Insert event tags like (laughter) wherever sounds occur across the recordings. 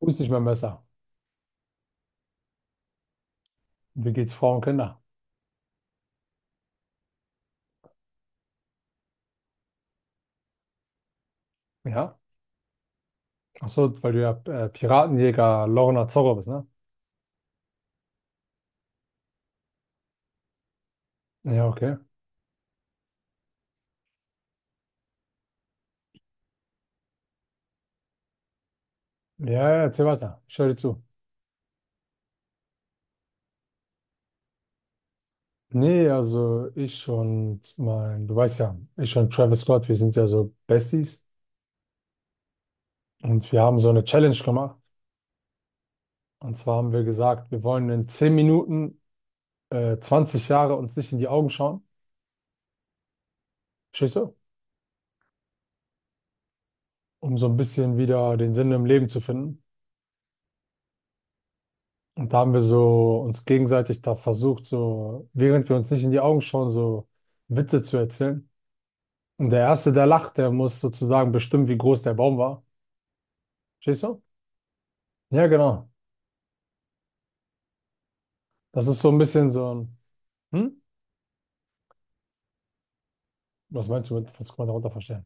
Wo ist nicht mein Messer? Wie geht's Frauen und Kinder? Ja? Ach so, weil du ja Piratenjäger Lorna Zorro bist, ne? Ja, okay. Ja, ja, erzähl weiter. Ich höre dir zu. Nee, also du weißt ja, ich und Travis Scott, wir sind ja so Besties und wir haben so eine Challenge gemacht. Und zwar haben wir gesagt, wir wollen in 10 Minuten 20 Jahre uns nicht in die Augen schauen. Verstehst du? Um so ein bisschen wieder den Sinn im Leben zu finden. Und da haben wir so uns gegenseitig da versucht, so, während wir uns nicht in die Augen schauen, so Witze zu erzählen. Und der Erste, der lacht, der muss sozusagen bestimmen, wie groß der Baum war. Verstehst du? Ja, genau. Das ist so ein bisschen so ein, hm? Was meinst du mit, was kann man darunter verstehen?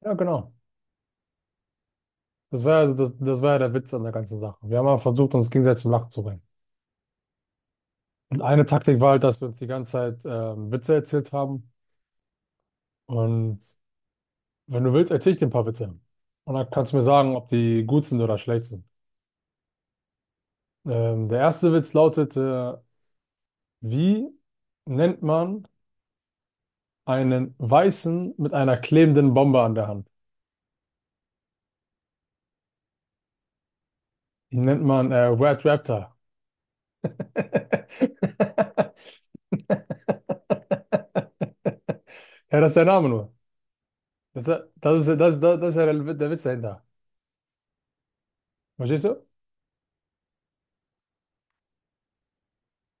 Ja, genau. Das war also das war ja der Witz an der ganzen Sache. Wir haben mal versucht, uns gegenseitig zum Lachen zu bringen. Und eine Taktik war halt, dass wir uns die ganze Zeit Witze erzählt haben. Und wenn du willst, erzähle ich dir ein paar Witze. Und dann kannst du mir sagen, ob die gut sind oder schlecht sind. Der erste Witz lautete, wie nennt man einen Weißen mit einer klebenden Bombe an der Hand? Ihn nennt man Red Raptor. (laughs) Ja, das ist der Name nur. Das ist ja der Witz dahinter. Verstehst du?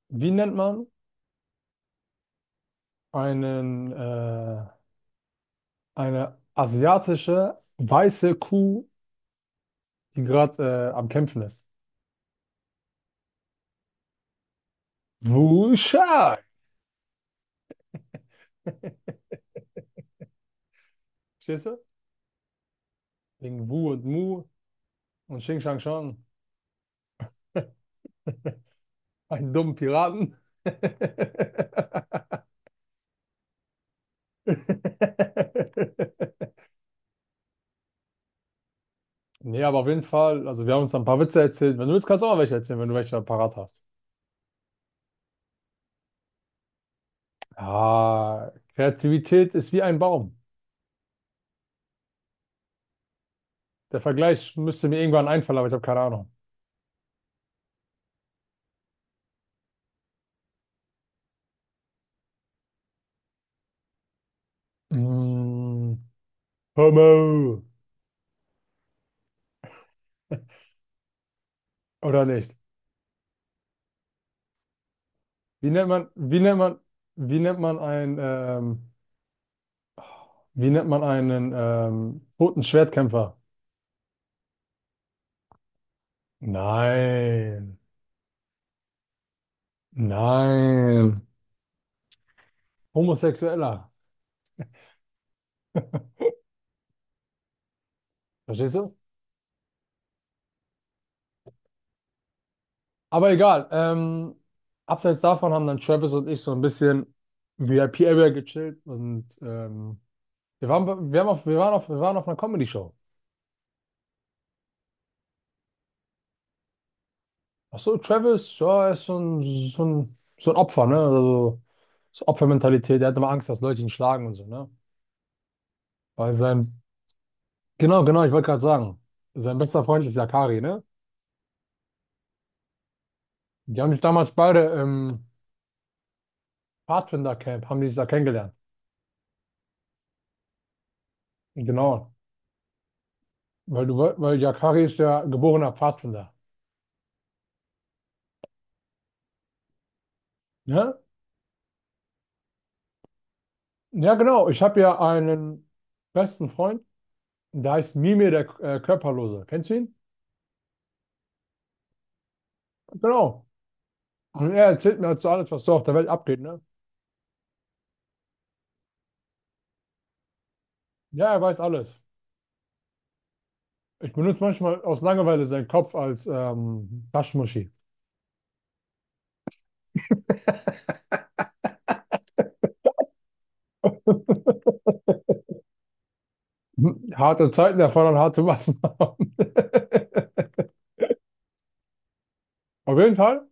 Wie nennt man einen, äh, eine asiatische weiße Kuh, die gerade am Kämpfen ist? Wuschai. Verstehst du? Wegen Wu und Mu. Und Xing Shang Shang, einen dummen Piraten. (laughs) Nee, aber auf jeden Fall, also wir haben uns ein paar Witze erzählt. Wenn du willst, kannst du auch mal welche erzählen, wenn du welche parat hast. Ah, Kreativität ist wie ein Baum. Der Vergleich müsste mir irgendwann einfallen, aber ich habe keine Ahnung. Mm, Homo. (laughs) Oder nicht? Wie nennt man, wie nennt man, wie nennt man einen toten Schwertkämpfer? Nein. Nein. Homosexueller. Verstehst du? Aber egal. Abseits davon haben dann Travis und ich so ein bisschen VIP-Area gechillt und wir waren, bei- wir haben auf, wir waren auf, wir waren auf einer Comedy-Show. Ach so, Travis, ja, er ist so ein Opfer, ne? Also so Opfermentalität. Er hat immer Angst, dass Leute ihn schlagen und so, ne? Weil sein, genau, genau, ich wollte gerade sagen, sein bester Freund ist Yakari, ne? Die haben sich damals beide im haben die sich da kennengelernt. Genau. Weil Yakari ist ja geborener Pfadfinder. Ja, ja genau. Ich habe ja einen besten Freund, der heißt Mimir, der Körperlose. Kennst du ihn? Genau. Und er erzählt mir dazu alles, was so auf der Welt abgeht, ne? Ja, er weiß alles. Ich benutze manchmal aus Langeweile seinen Kopf als Taschenmuschi. (laughs) Harte Zeiten erfordern harte Maßnahmen. (laughs) Auf jeden Fall.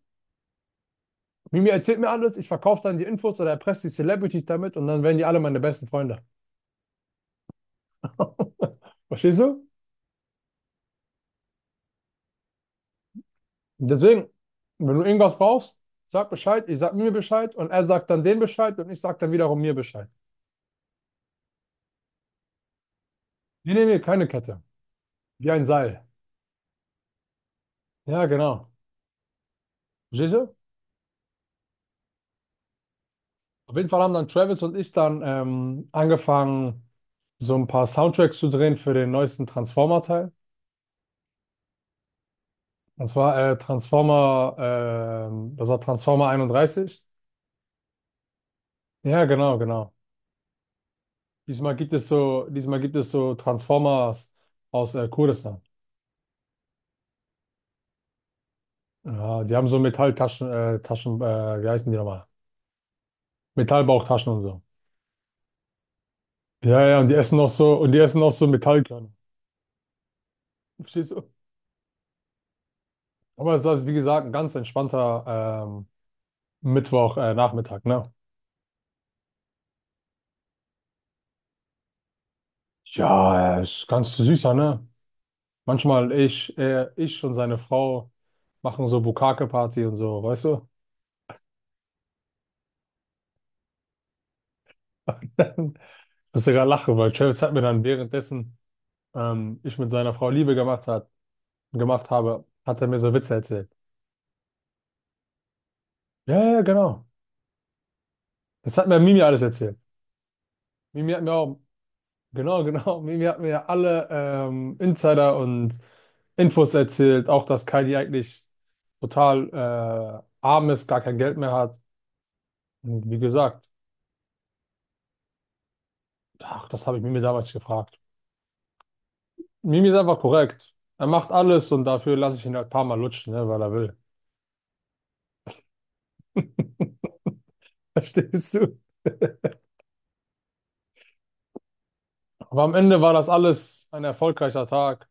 Mimi erzählt mir alles, ich verkaufe dann die Infos oder erpresse die Celebrities damit und dann werden die alle meine besten Freunde. (laughs) Verstehst du? Deswegen, wenn du irgendwas brauchst, sag Bescheid, ich sag mir Bescheid und er sagt dann den Bescheid und ich sag dann wiederum mir Bescheid. Nee, nee, nee, keine Kette. Wie ein Seil. Ja, genau. Verstehst du? Auf jeden Fall haben dann Travis und ich dann angefangen, so ein paar Soundtracks zu drehen für den neuesten Transformer-Teil. Und zwar das war Transformer 31. Ja, genau, genau. Diesmal gibt es so Transformers aus Kurdistan. Ja, die haben so wie heißen die nochmal? Metallbauchtaschen und so. Und die essen auch so Metallkörner. (laughs) Verstehst du? Aber es ist halt, wie gesagt, ein ganz entspannter Mittwoch, Nachmittag, ne? Ja, ist ganz süßer, ne? Manchmal ich und seine Frau machen so Bukake party und so, weißt du? (laughs) Ich muss sogar lachen, weil Travis hat mir dann währenddessen ich mit seiner Frau Liebe gemacht hat, gemacht habe, hat er mir so Witze erzählt. Ja, ja, genau. Das hat mir Mimi alles erzählt. Mimi hat mir auch, genau, genau, (laughs) Mimi hat mir ja alle Insider und Infos erzählt, auch dass Kylie eigentlich total arm ist, gar kein Geld mehr hat. Und wie gesagt, ach, das habe ich Mimi damals gefragt. Mimi ist einfach korrekt. Er macht alles und dafür lasse ich ihn halt ein paar Mal lutschen, ne, weil er will. (laughs) Verstehst du? Aber am Ende war das alles ein erfolgreicher Tag.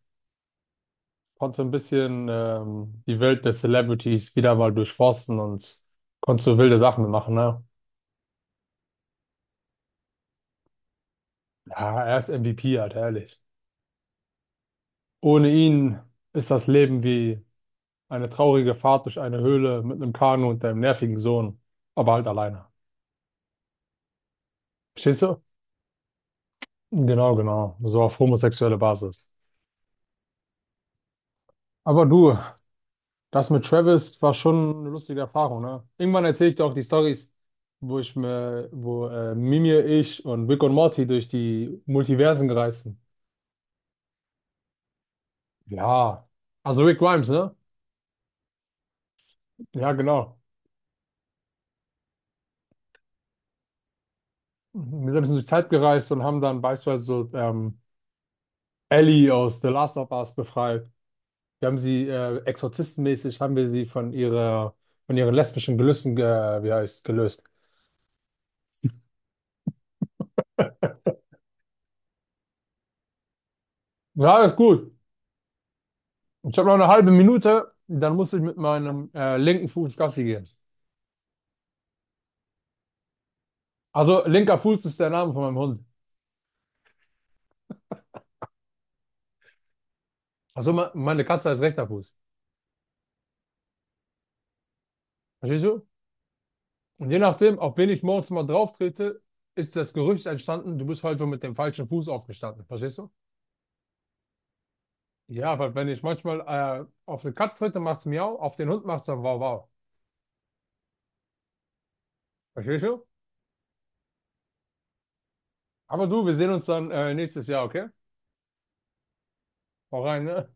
Konntest du ein bisschen die Welt der Celebrities wieder mal durchforsten und konntest du wilde Sachen machen, ne? Ja, er ist MVP halt, ehrlich. Ohne ihn ist das Leben wie eine traurige Fahrt durch eine Höhle mit einem Kanu und deinem nervigen Sohn, aber halt alleine. Verstehst du? Genau, genau. So auf homosexuelle Basis. Aber du, das mit Travis war schon eine lustige Erfahrung, ne? Irgendwann erzähle ich dir auch die Stories, wo Mimir, ich und Rick und Morty durch die Multiversen gereist sind. Ja, also Rick Grimes, ne? Ja, genau. Wir sind ein bisschen durch die Zeit gereist und haben dann beispielsweise so Ellie aus The Last of Us befreit. Wir haben sie exorzistenmäßig, haben wir sie von von ihren lesbischen Gelüsten, gelöst. Ja, gut. Ich habe noch eine halbe Minute, dann muss ich mit meinem linken Fuß Gassi gehen. Also linker Fuß ist der Name von meinem Hund. Also meine Katze heißt rechter Fuß. Verstehst du? Und je nachdem, auf wen ich morgens mal drauf trete, ist das Gerücht entstanden, du bist heute mit dem falschen Fuß aufgestanden. Verstehst du? Ja, weil wenn ich manchmal auf eine Katze trete, macht's miau, auf den Hund macht's dann wow wow. Verstehst du? Aber du, wir sehen uns dann nächstes Jahr, okay? Hau rein, ne?